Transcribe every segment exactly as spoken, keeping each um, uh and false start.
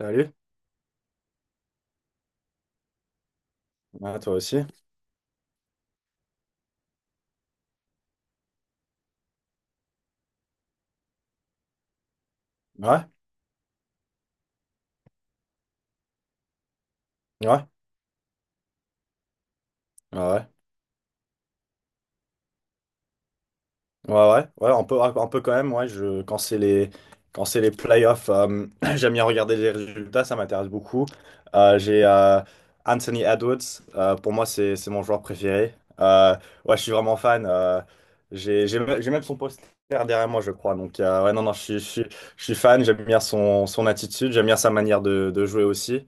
Salut. Ah, toi aussi. Ouais, ouais, ouais, ouais, ouais, ouais, ouais, un peu, un peu quand même. Ouais, je, quand c'est les, quand c'est les playoffs, euh, j'aime bien regarder les résultats, ça m'intéresse beaucoup. Euh, j'ai euh, Anthony Edwards, euh, pour moi, c'est, c'est mon joueur préféré. Euh, ouais, je suis vraiment fan. euh, j'ai, j'ai, j'ai même son poster derrière moi, je crois. Donc, euh, ouais, non, non, je suis, je suis, je suis fan, j'aime bien son, son attitude, j'aime bien sa manière de, de jouer aussi.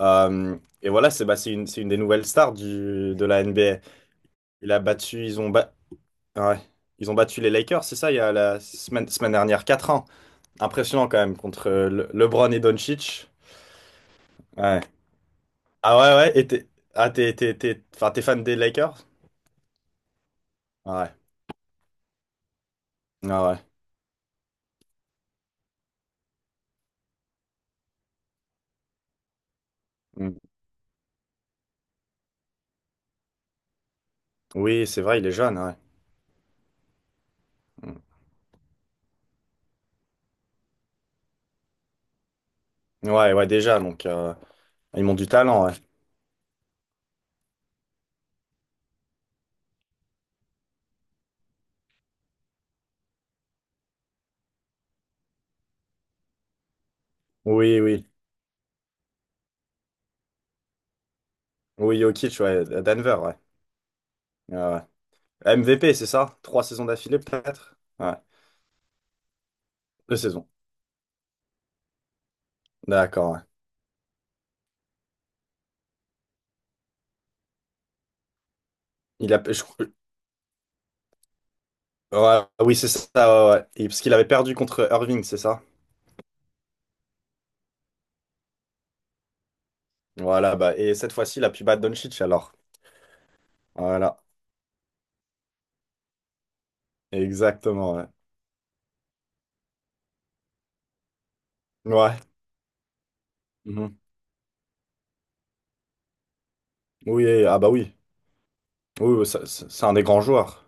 Euh, et voilà, c'est bah, c'est une, c'est une des nouvelles stars du, de la N B A. Il a battu, ils ont, ba- Ouais. Ils ont battu les Lakers, c'est ça, il y a la semaine, semaine dernière, quatre ans. Impressionnant quand même contre euh, Le- LeBron et Doncic. Ouais. Ah ouais, ouais, et t'es ah, t'es, t'es, t'es- enfin, t'es fan des Lakers? Ah ouais, ah ouais. Mm. Oui, c'est vrai, il est jeune, ouais. Mm. Ouais, ouais, déjà, donc euh, ils ont du talent, ouais. Oui, oui. Oui, Jokic, ouais, à Denver, ouais. Ah ouais. M V P, c'est ça? Trois saisons d'affilée, peut-être? Ouais, deux saisons. D'accord, ouais. Il a... je- Ouais, oui, c'est ça, ouais, ouais. Et parce qu'il avait perdu contre Irving, c'est ça? Voilà, bah, et cette fois-ci, il a pu battre Doncic alors. Voilà, exactement, ouais. Ouais. Mhm. Oui, ah bah oui. Oui, oui, ça- ça- c'est un des grands joueurs.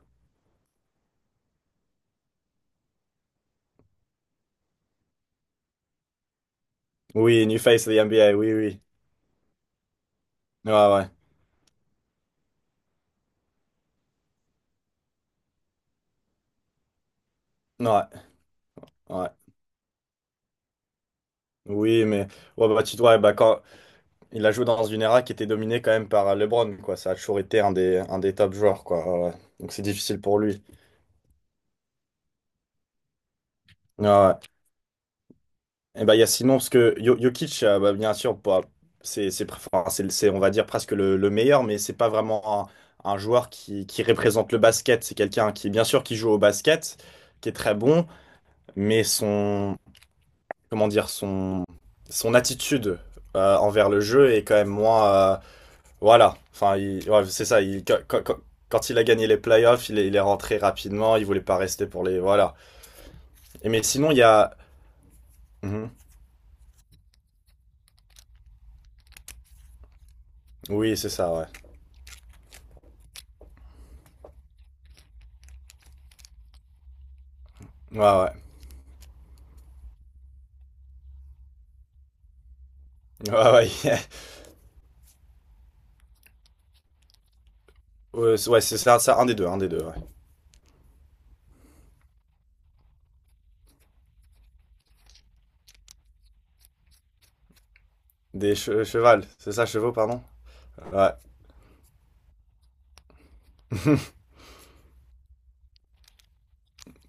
Oui, new face de the N B A, oui, oui. Ouais, ouais. Ouais, ouais. Oui, mais ouais, bah, tu ouais, bah, quand il a joué dans une era qui était dominée quand même par LeBron, quoi. Ça a toujours été un des, un des top joueurs, quoi. Ouais, ouais. Donc c'est difficile pour lui. Ouais, ouais. Eh ben, il y a Simon, parce que Jo- Jokic, euh, bah, bien sûr, pas- c'est, c'est, pr- enfin, c'est, c'est, on va dire presque le, le meilleur, mais c'est pas vraiment un, un joueur qui, qui représente le basket. C'est quelqu'un qui, bien sûr, qui joue au basket, qui est très bon, mais son, comment dire, son, son attitude euh, envers le jeu est quand même moins, euh, voilà. Enfin, il- ouais, c'est ça. Il- quand, quand- quand- quand il a gagné les playoffs, il est, il est rentré rapidement. Il voulait pas rester pour les, voilà. Et mais sinon, il y a. Mhm. Oui, c'est ça, ouais. Ouais, ouais. Ouais, ouais. Ouais, c'est ouais, c'est ça, ça, un des deux, un des deux, ouais. Des che- chevals, c'est ça, chevaux, pardon? Ouais.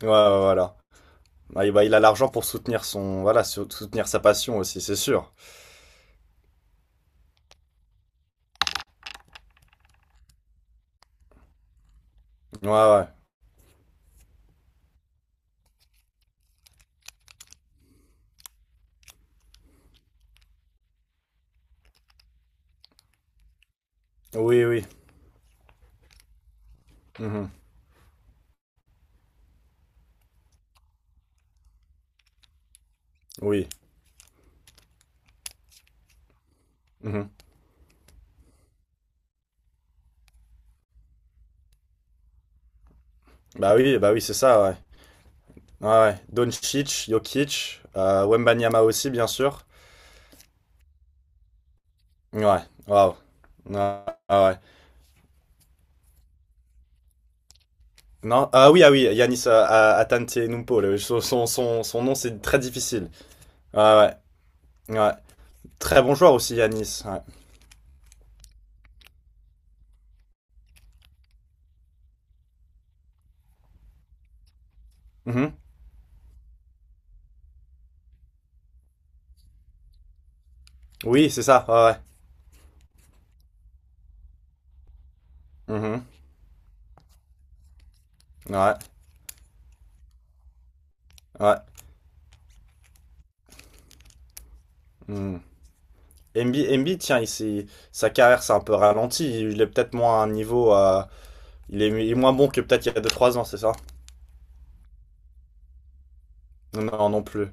Ouais, ouais, voilà. Ouais, bah, il a l'argent pour soutenir son, voilà, sou- soutenir sa passion aussi, c'est sûr. Ouais, ouais. Oui, oui. Mhm. Oui. Mhm. Bah oui, bah oui, c'est ça, ouais. Ouais, ouais. Doncic, Jokic, euh, Wembanyama aussi, bien sûr. Ouais, waouh. Ah ah ouais. Non, ah oui, ah oui, Yanis euh, A- Antetokounmpo, le- son, son, son, son nom, c'est très difficile. Ouais, ouais, ouais. Très bon joueur aussi, Yanis, ouais. Mhm. Oui, c'est ça. Ouais, ouais. Mhm. Ouais, ouais. Mhm. Embi- Embiid, tiens, il s'est- sa carrière s'est un peu ralentie. Il est peut-être moins à un niveau. euh, il est, il est moins bon que peut-être il y a deux, trois ans, c'est ça? Non, non plus.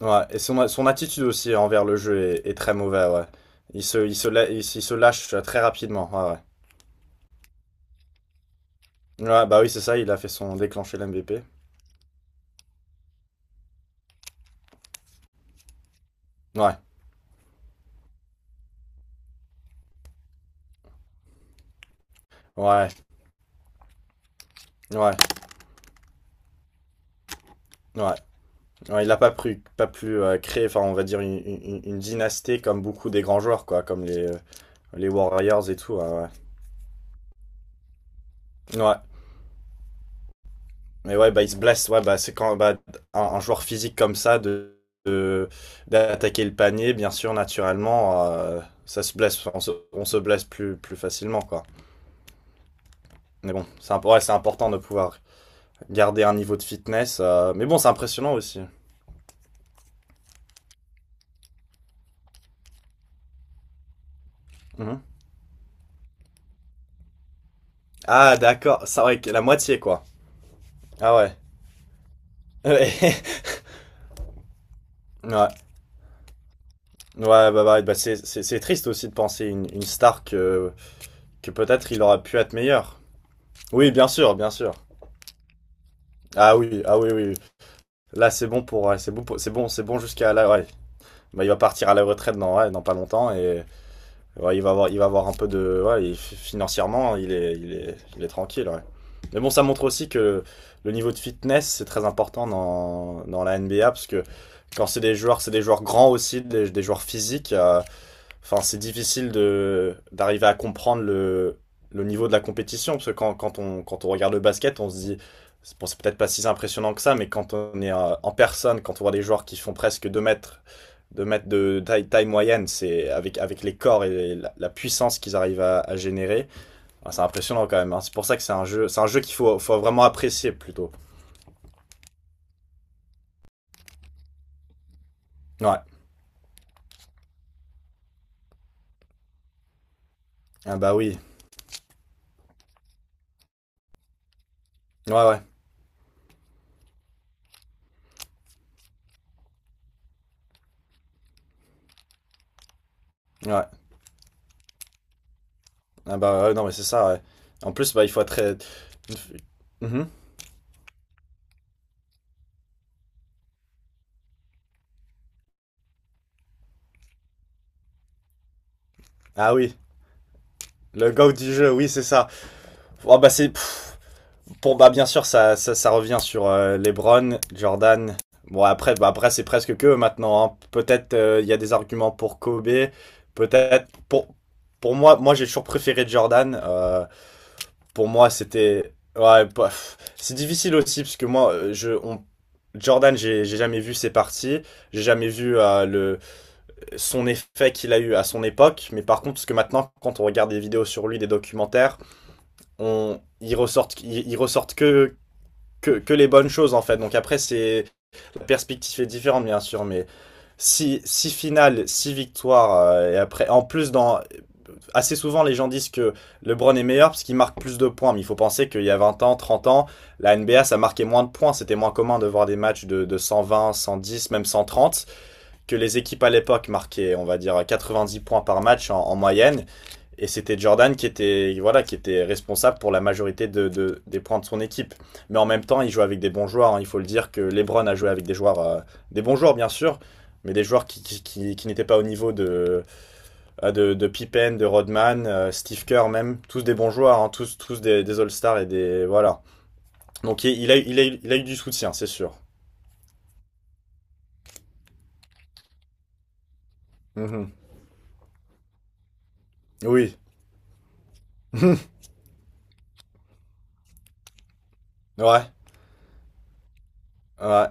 Ouais, et son, son attitude aussi envers le jeu est, est très mauvaise, ouais. Il se, il se, la- il, se il se lâche très rapidement, ouais, ouais. Ouais, bah oui, c'est ça, il a fait son déclencher l'M V P. Ouais, ouais, ouais, ouais. Ouais, il n'a pas pu, pas pu euh, créer, enfin, on va dire, une, une- une dynastie comme beaucoup des grands joueurs, quoi, comme les, Les Warriors et tout, ouais. Ouais. Ouais. Mais ouais, bah, il se blesse. Ouais, bah, c'est quand bah, un, un joueur physique comme ça, de, de- d'attaquer le panier, bien sûr, naturellement, euh, ça se blesse. Enfin, On se, on se blesse plus, plus facilement, quoi. Mais bon, c'est imp- ouais, c'est important de pouvoir garder un niveau de fitness. Euh, mais bon, c'est impressionnant aussi. Mhm. Ah, d'accord. Ça, ouais, la moitié, quoi. Ah ouais. Ouais, ouais, bah, bah, bah, c'est c'est- c'est triste aussi de penser une, une star que, que peut-être il aurait pu être meilleur. Oui, bien sûr, bien sûr. Ah oui, ah oui, oui. Oui. Là, c'est bon pour, ouais, c'est bon, pour- c'est bon, c'est bon jusqu'à là. Ouais. Bah, il va partir à la retraite dans, ouais, dans pas longtemps et ouais, il va avoir, il va avoir un peu de. Ouais, il- financièrement, il est, il est, il est tranquille, ouais. Mais bon, ça montre aussi que le niveau de fitness, c'est très important dans, dans la N B A, parce que quand c'est des joueurs, c'est des joueurs grands aussi, des, des joueurs physiques. euh, Enfin, c'est difficile de d'arriver à comprendre le, le niveau de la compétition, parce que quand, quand on, quand on regarde le basket, on se dit, c'est bon, c'est peut-être pas si impressionnant que ça, mais quand on est euh, en personne, quand on voit des joueurs qui font presque deux mètres de mètres de taille, taille moyenne, c'est avec, avec les corps et les, la, la puissance qu'ils arrivent à, à générer. Enfin, c'est impressionnant quand même, hein. C'est pour ça que c'est un jeu, c'est un jeu qu'il faut, faut vraiment apprécier plutôt. Ouais. Ah bah oui. Ouais, ouais. Ouais. Ah bah ouais, non mais c'est ça. Ouais. En plus, bah il faut être très. Mhm. Ah oui. Le go du jeu, oui, c'est ça. Oh, bah c'est bon, bah, bien sûr, ça, ça, ça revient sur euh, LeBron, Jordan. Bon, après, bah, après c'est presque que eux maintenant, hein. Peut-être euh, il y a des arguments pour Kobe. Peut-être pour, pour moi, moi j'ai toujours préféré Jordan. Euh, pour moi, c'était. Ouais, bah, pff, c'est difficile aussi parce que moi, euh, je, on- Jordan, j'ai j'ai jamais vu ses parties. J'ai jamais vu euh, le, son effet qu'il a eu à son époque. Mais par contre, parce que maintenant, quand on regarde des vidéos sur lui, des documentaires, on, ils ressortent, ils, ils ressortent que, que, que les bonnes choses en fait. Donc après, c'est la perspective est différente bien sûr, mais si si finales, si victoires euh, et après, en plus dans assez souvent les gens disent que LeBron est meilleur parce qu'il marque plus de points, mais il faut penser qu'il y a vingt ans, trente ans, la N B A ça marquait moins de points, c'était moins commun de voir des matchs de, de cent vingt, cent dix même cent trente que les équipes à l'époque marquaient, on va dire, quatre-vingt-dix points par match en, en moyenne. Et c'était Jordan qui était, voilà, qui était responsable pour la majorité de, de- des points de son équipe. Mais en même temps, il jouait avec des bons joueurs, hein. Il faut le dire que LeBron a joué avec des joueurs, euh, des bons joueurs bien sûr, mais des joueurs qui, qui, qui- qui n'étaient pas au niveau de, euh, de, de Pippen, de Rodman, euh, Steve Kerr même. Tous des bons joueurs, hein, tous, tous des, des All-Stars et des. Voilà. Donc il a, il a, il a eu du soutien, c'est sûr. Mhm. Oui. Ouais. Ouais.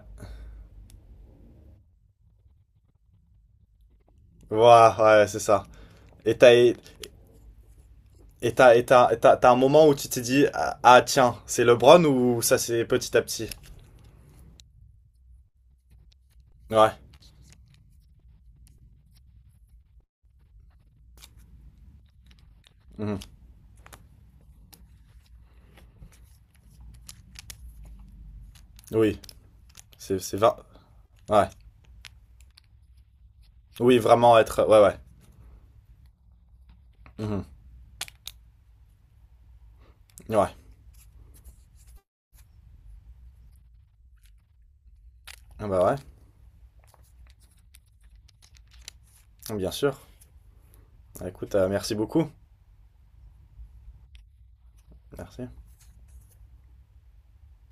Ouais, ouais, c'est ça. Et t'as, et t'as, et t'as, et t'as, T'as un moment où tu t'es dit, ah ah, tiens, c'est LeBron ou ça c'est petit à petit? Ouais. Mhm. Oui. C'est, c'est vingt- Ouais. Oui, vraiment être. Ouais, ouais. Mhm. Ouais. Ah bah ouais, bien sûr. Écoute, euh, merci beaucoup. Merci.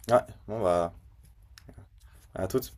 Ouais, bon bah, à toutes.